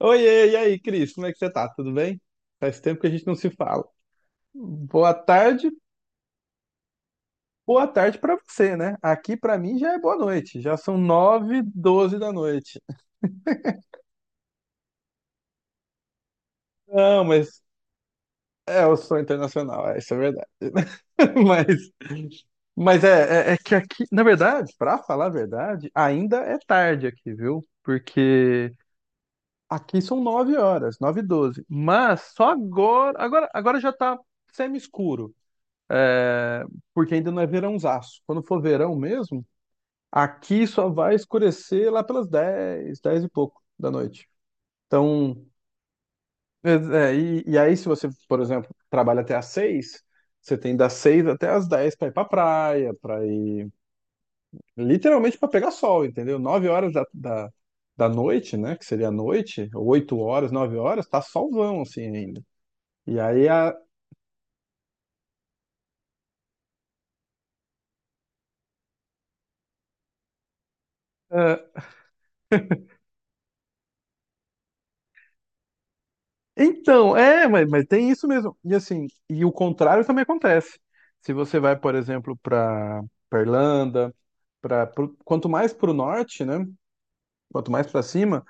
Oiê, e aí, Cris, como é que você tá? Tudo bem? Faz tempo que a gente não se fala. Boa tarde, boa tarde pra você, né? Aqui pra mim já é boa noite, já são nove doze da noite. Não, mas eu sou internacional, é, isso é verdade. Mas, mas é que aqui, na verdade, pra falar a verdade, ainda é tarde aqui, viu? Porque aqui são 9 horas, 9 e 12, mas só agora já tá semi-escuro. É, porque ainda não é verãozaço. Quando for verão mesmo, aqui só vai escurecer lá pelas 10, 10 e pouco da noite. Então, e aí se você, por exemplo, trabalha até às 6, você tem das 6 até às 10 para ir para praia, para ir literalmente para pegar sol, entendeu? 9 horas da noite, né, que seria a noite, 8 horas, 9 horas, tá solzão assim ainda. E aí a, Então, mas tem isso mesmo. E assim, e o contrário também acontece. Se você vai, por exemplo, para Irlanda, para quanto mais para o norte, né? Quanto mais para cima,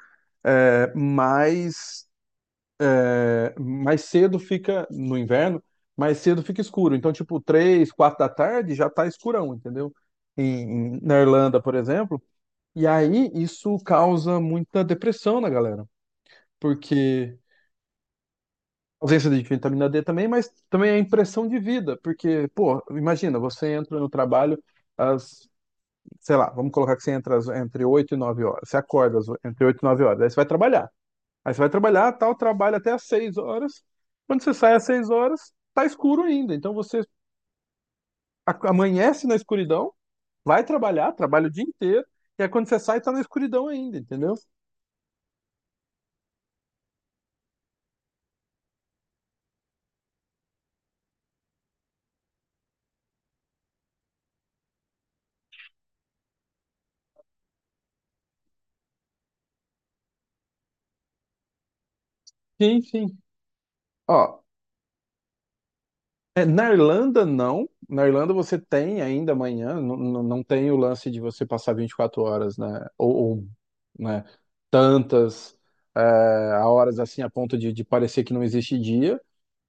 é, mais é, mais cedo fica no inverno, mais cedo fica escuro. Então, tipo, três, quatro da tarde já tá escurão, entendeu? Na Irlanda, por exemplo. E aí isso causa muita depressão na galera, porque ausência de vitamina D também, mas também é a impressão de vida, porque, pô, imagina, você entra no trabalho às, sei lá, vamos colocar que você entra entre 8 e 9 horas, você acorda entre 8 e 9 horas, aí você vai trabalhar. Aí você vai trabalhar, tal, trabalha até às 6 horas. Quando você sai às 6 horas, tá escuro ainda. Então você amanhece na escuridão, vai trabalhar, trabalha o dia inteiro, e aí quando você sai, tá na escuridão ainda, entendeu? Sim, sim. Ó, é, na Irlanda, não. Na Irlanda você tem ainda amanhã, não tem o lance de você passar 24 horas, né? Ou, né, tantas é, a horas assim a ponto de parecer que não existe dia.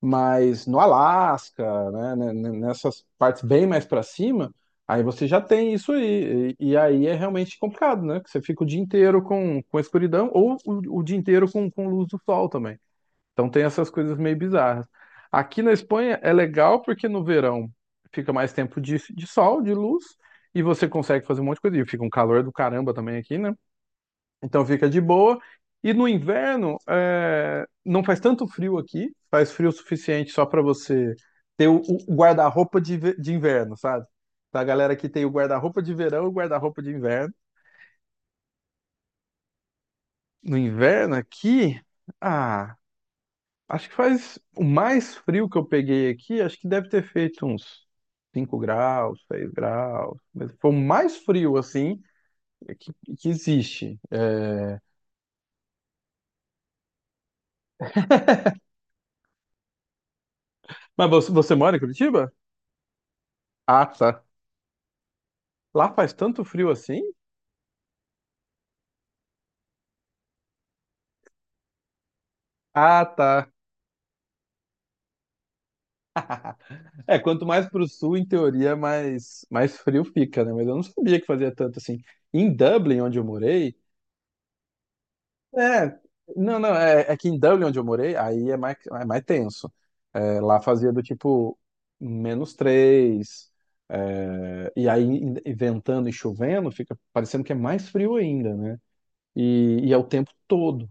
Mas no Alasca, né, nessas partes bem mais para cima, aí você já tem isso aí. E aí é realmente complicado, né? Que você fica o dia inteiro com escuridão ou o dia inteiro com luz do sol também. Então tem essas coisas meio bizarras. Aqui na Espanha é legal porque no verão fica mais tempo de sol, de luz, e você consegue fazer um monte de coisa. E fica um calor do caramba também aqui, né? Então fica de boa. E no inverno, não faz tanto frio aqui, faz frio o suficiente só para você ter o guarda-roupa de inverno, sabe? Da galera que tem o guarda-roupa de verão e o guarda-roupa de inverno. No inverno aqui, ah, acho que faz o mais frio que eu peguei aqui, acho que deve ter feito uns 5 graus, 6 graus. Mas foi o mais frio, assim, que, que existe. É, mas você, você mora em Curitiba? Ah, tá. Lá faz tanto frio assim? Ah, tá. É, quanto mais pro sul, em teoria, mais, mais frio fica, né? Mas eu não sabia que fazia tanto assim. Em Dublin, onde eu morei, É, não, não, é, é que em Dublin, onde eu morei, aí é mais tenso. É, lá fazia do tipo menos três, e ventando e chovendo, fica parecendo que é mais frio ainda, né? É o tempo todo.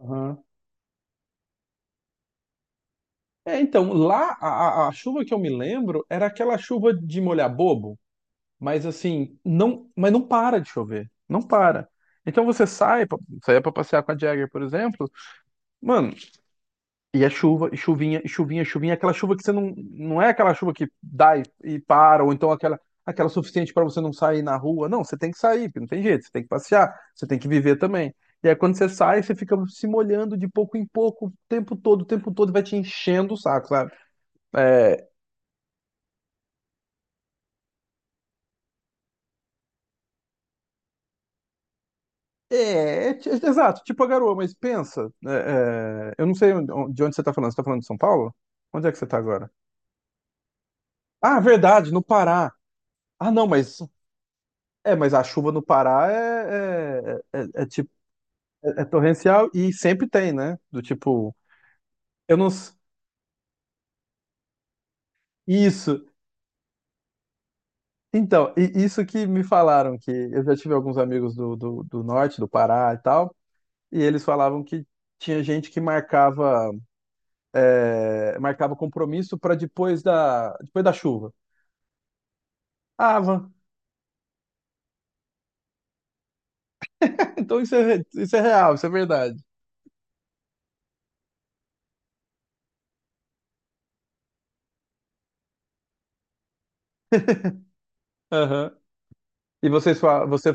Aham. A chuva que eu me lembro era aquela chuva de molhar bobo, mas assim, não, mas não para de chover, não para. Então você sai, pra- saia pra passear com a Jagger, por exemplo, mano, e é chuva, e chuvinha, aquela chuva que você não é aquela chuva que dá e para, ou então aquela, aquela suficiente para você não sair na rua. Não, você tem que sair, porque não tem jeito, você tem que passear, você tem que viver também. E aí quando você sai, você fica se molhando de pouco em pouco, o tempo todo, vai te enchendo o saco, sabe? É, é exato, tipo a garoa, mas pensa, eu não sei de onde você tá falando de São Paulo? Onde é que você tá agora? Ah, verdade, no Pará. Ah, não, mas é, mas a chuva no Pará é tipo, é torrencial e sempre tem, né? Do tipo, eu não. s- isso. Então, e isso que me falaram, que eu já tive alguns amigos do norte, do Pará e tal, e eles falavam que tinha gente que marcava compromisso para depois depois da chuva. Ah, van. Então isso é, isso é real, isso é verdade. Aham. E vocês, fa- você,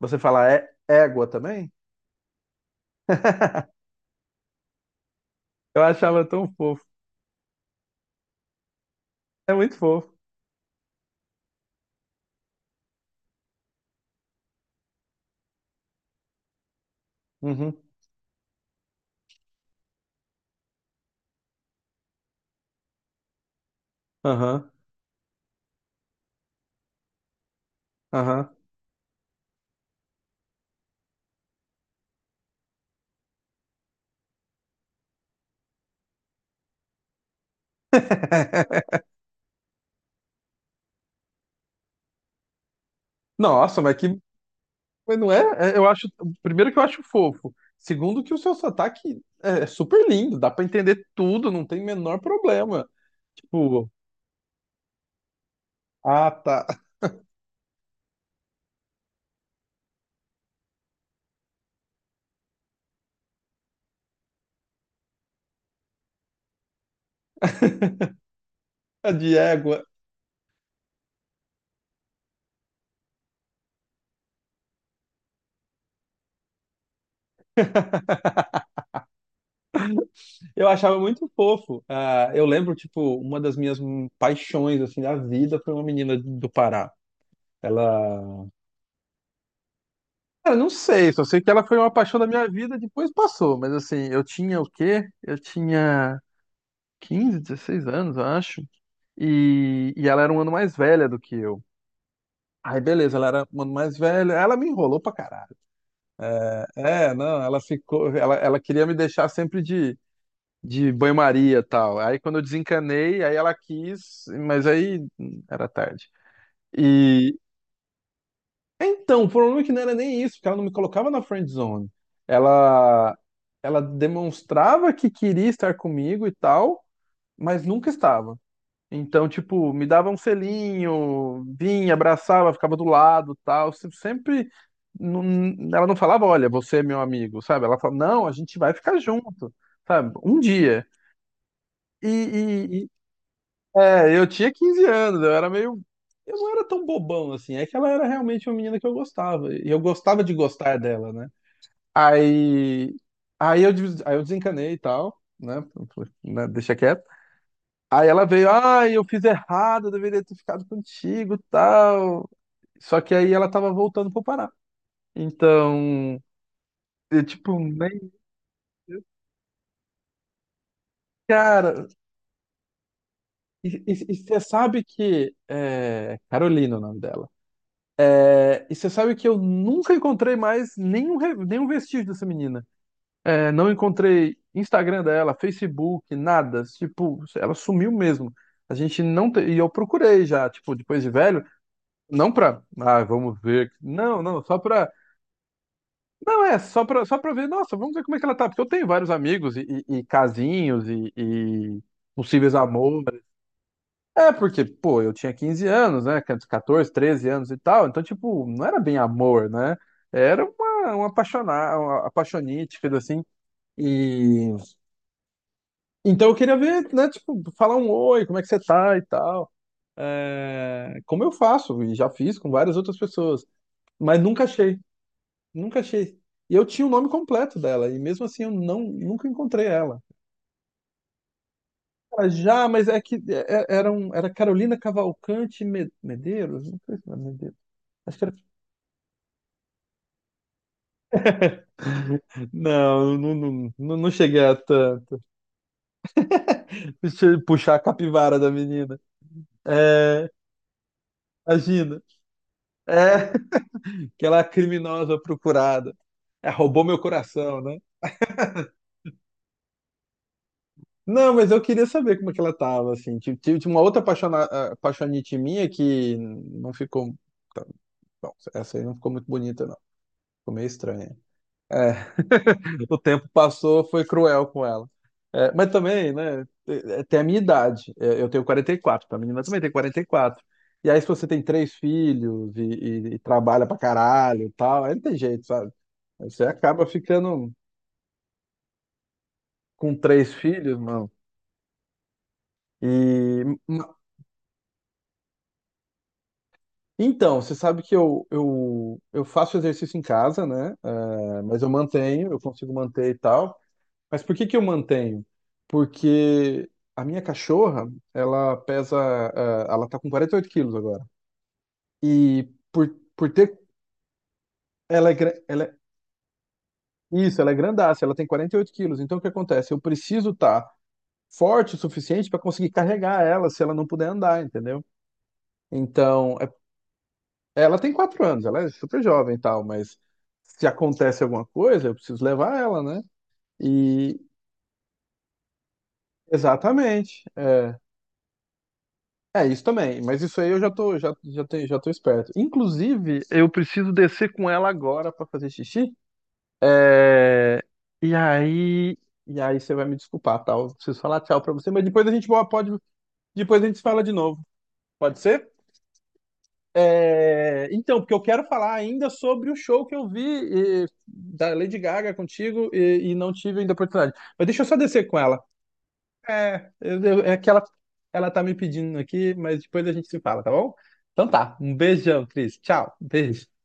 você fala égua também? Eu achava tão fofo. É muito fofo. Uhum. Aham, aham. Nossa, mas que. Mas não é? É, eu acho. Primeiro que eu acho fofo. Segundo que o seu sotaque é super lindo, dá pra entender tudo, não tem menor problema. Tipo, ah, tá. De égua. Eu achava muito fofo. Ah, eu lembro, tipo, uma das minhas paixões, assim, da vida foi uma menina do Pará. Ela. Cara, não sei, só sei que ela foi uma paixão da minha vida, depois passou, mas assim, eu tinha o quê? Eu tinha 15, 16 anos, eu acho. E ela era um ano mais velha do que eu. Aí, beleza, ela era um ano mais velha. Ela me enrolou pra caralho. É, não, ela ficou. Ela queria me deixar sempre de banho-maria e tal. Aí, quando eu desencanei, aí ela quis, mas aí era tarde. E. Então, o problema é que não era nem isso, porque ela não me colocava na friend zone. Ela, ela demonstrava que queria estar comigo e tal, mas nunca estava. Então, tipo, me dava um selinho, vinha, abraçava, ficava do lado, tal. Sempre ela não falava, olha, você é meu amigo, sabe? Ela falava, não, a gente vai ficar junto, sabe? Um dia. E, e- e- eu tinha 15 anos, eu era meio, eu não era tão bobão assim. É que ela era realmente uma menina que eu gostava, e eu gostava de gostar dela, né? Aí, aí eu, des- aí eu desencanei e tal, né? Falei, né, deixa quieto. Aí ela veio, ai, eu fiz errado, eu deveria ter ficado contigo, tal. Só que aí ela tava voltando pro Pará. Então, eu, tipo, nem, cara, e você sabe que Carolina, é o nome dela. É, e você sabe que eu nunca encontrei mais nenhum vestígio dessa menina. É, não encontrei Instagram dela, Facebook, nada. Tipo, ela sumiu mesmo. A gente não te... E eu procurei já, tipo, depois de velho, não pra, ah, vamos ver. Não, só pra não, só pra ver, nossa, vamos ver como é que ela tá, porque eu tenho vários amigos e casinhos e possíveis amores. É, porque, pô, eu tinha 15 anos, né, 14, 13 anos e tal, então, tipo, não era bem amor, né? Era uma apaixonar, uma apaixonite, coisa assim. E então eu queria ver, né, tipo, falar um oi, como é que você tá e tal. É, como eu faço, e já fiz com várias outras pessoas, mas nunca achei. Nunca achei. E eu tinha o nome completo dela, e mesmo assim eu nunca encontrei ela. Ela já, mas é era, era Carolina Cavalcante Medeiros? Não sei se era Medeiros. Acho que era. Não, não cheguei a tanto. Deixa eu puxar a capivara da menina. É, a Gina. É, aquela criminosa procurada. É, roubou meu coração, né? Não, mas eu queria saber como é que ela tava, assim. Tive uma outra apaixona, apaixonite minha que não ficou. Bom, essa aí não ficou muito bonita, não. Ficou meio estranha. É, o tempo passou, foi cruel com ela. É, mas também, né, tem a minha idade. É, eu tenho quarenta e quatro, a menina também tem 44. E quatro. E aí, se você tem três filhos e trabalha pra caralho e tal, aí não tem jeito, sabe? Aí você acaba ficando com três filhos, mano. E ma- então, você sabe que eu faço exercício em casa, né? É, mas eu mantenho, eu consigo manter e tal. Mas por que que eu mantenho? Porque a minha cachorra, ela pesa, ela tá com 48 quilos agora. E por ter, ela é, gra- ela é- isso, ela é grandaça, ela tem 48 quilos. Então o que acontece? Eu preciso estar forte o suficiente para conseguir carregar ela se ela não puder andar, entendeu? Então, é- ela tem 4 anos, ela é super jovem e tal, mas se acontece alguma coisa, eu preciso levar ela, né? E exatamente. É. É, isso também, mas isso aí eu já tô, já tô esperto. Inclusive, eu preciso descer com ela agora pra fazer xixi. É, E aí, e aí você vai me desculpar, tá? Eu preciso falar tchau pra você, mas depois a gente se fala de novo. Pode ser? É, então, porque eu quero falar ainda sobre o show que eu vi da Lady Gaga contigo e não tive ainda oportunidade. Mas deixa eu só descer com ela. É que ela tá me pedindo aqui, mas depois a gente se fala, tá bom? Então tá, um beijão, Cris. Tchau, beijo.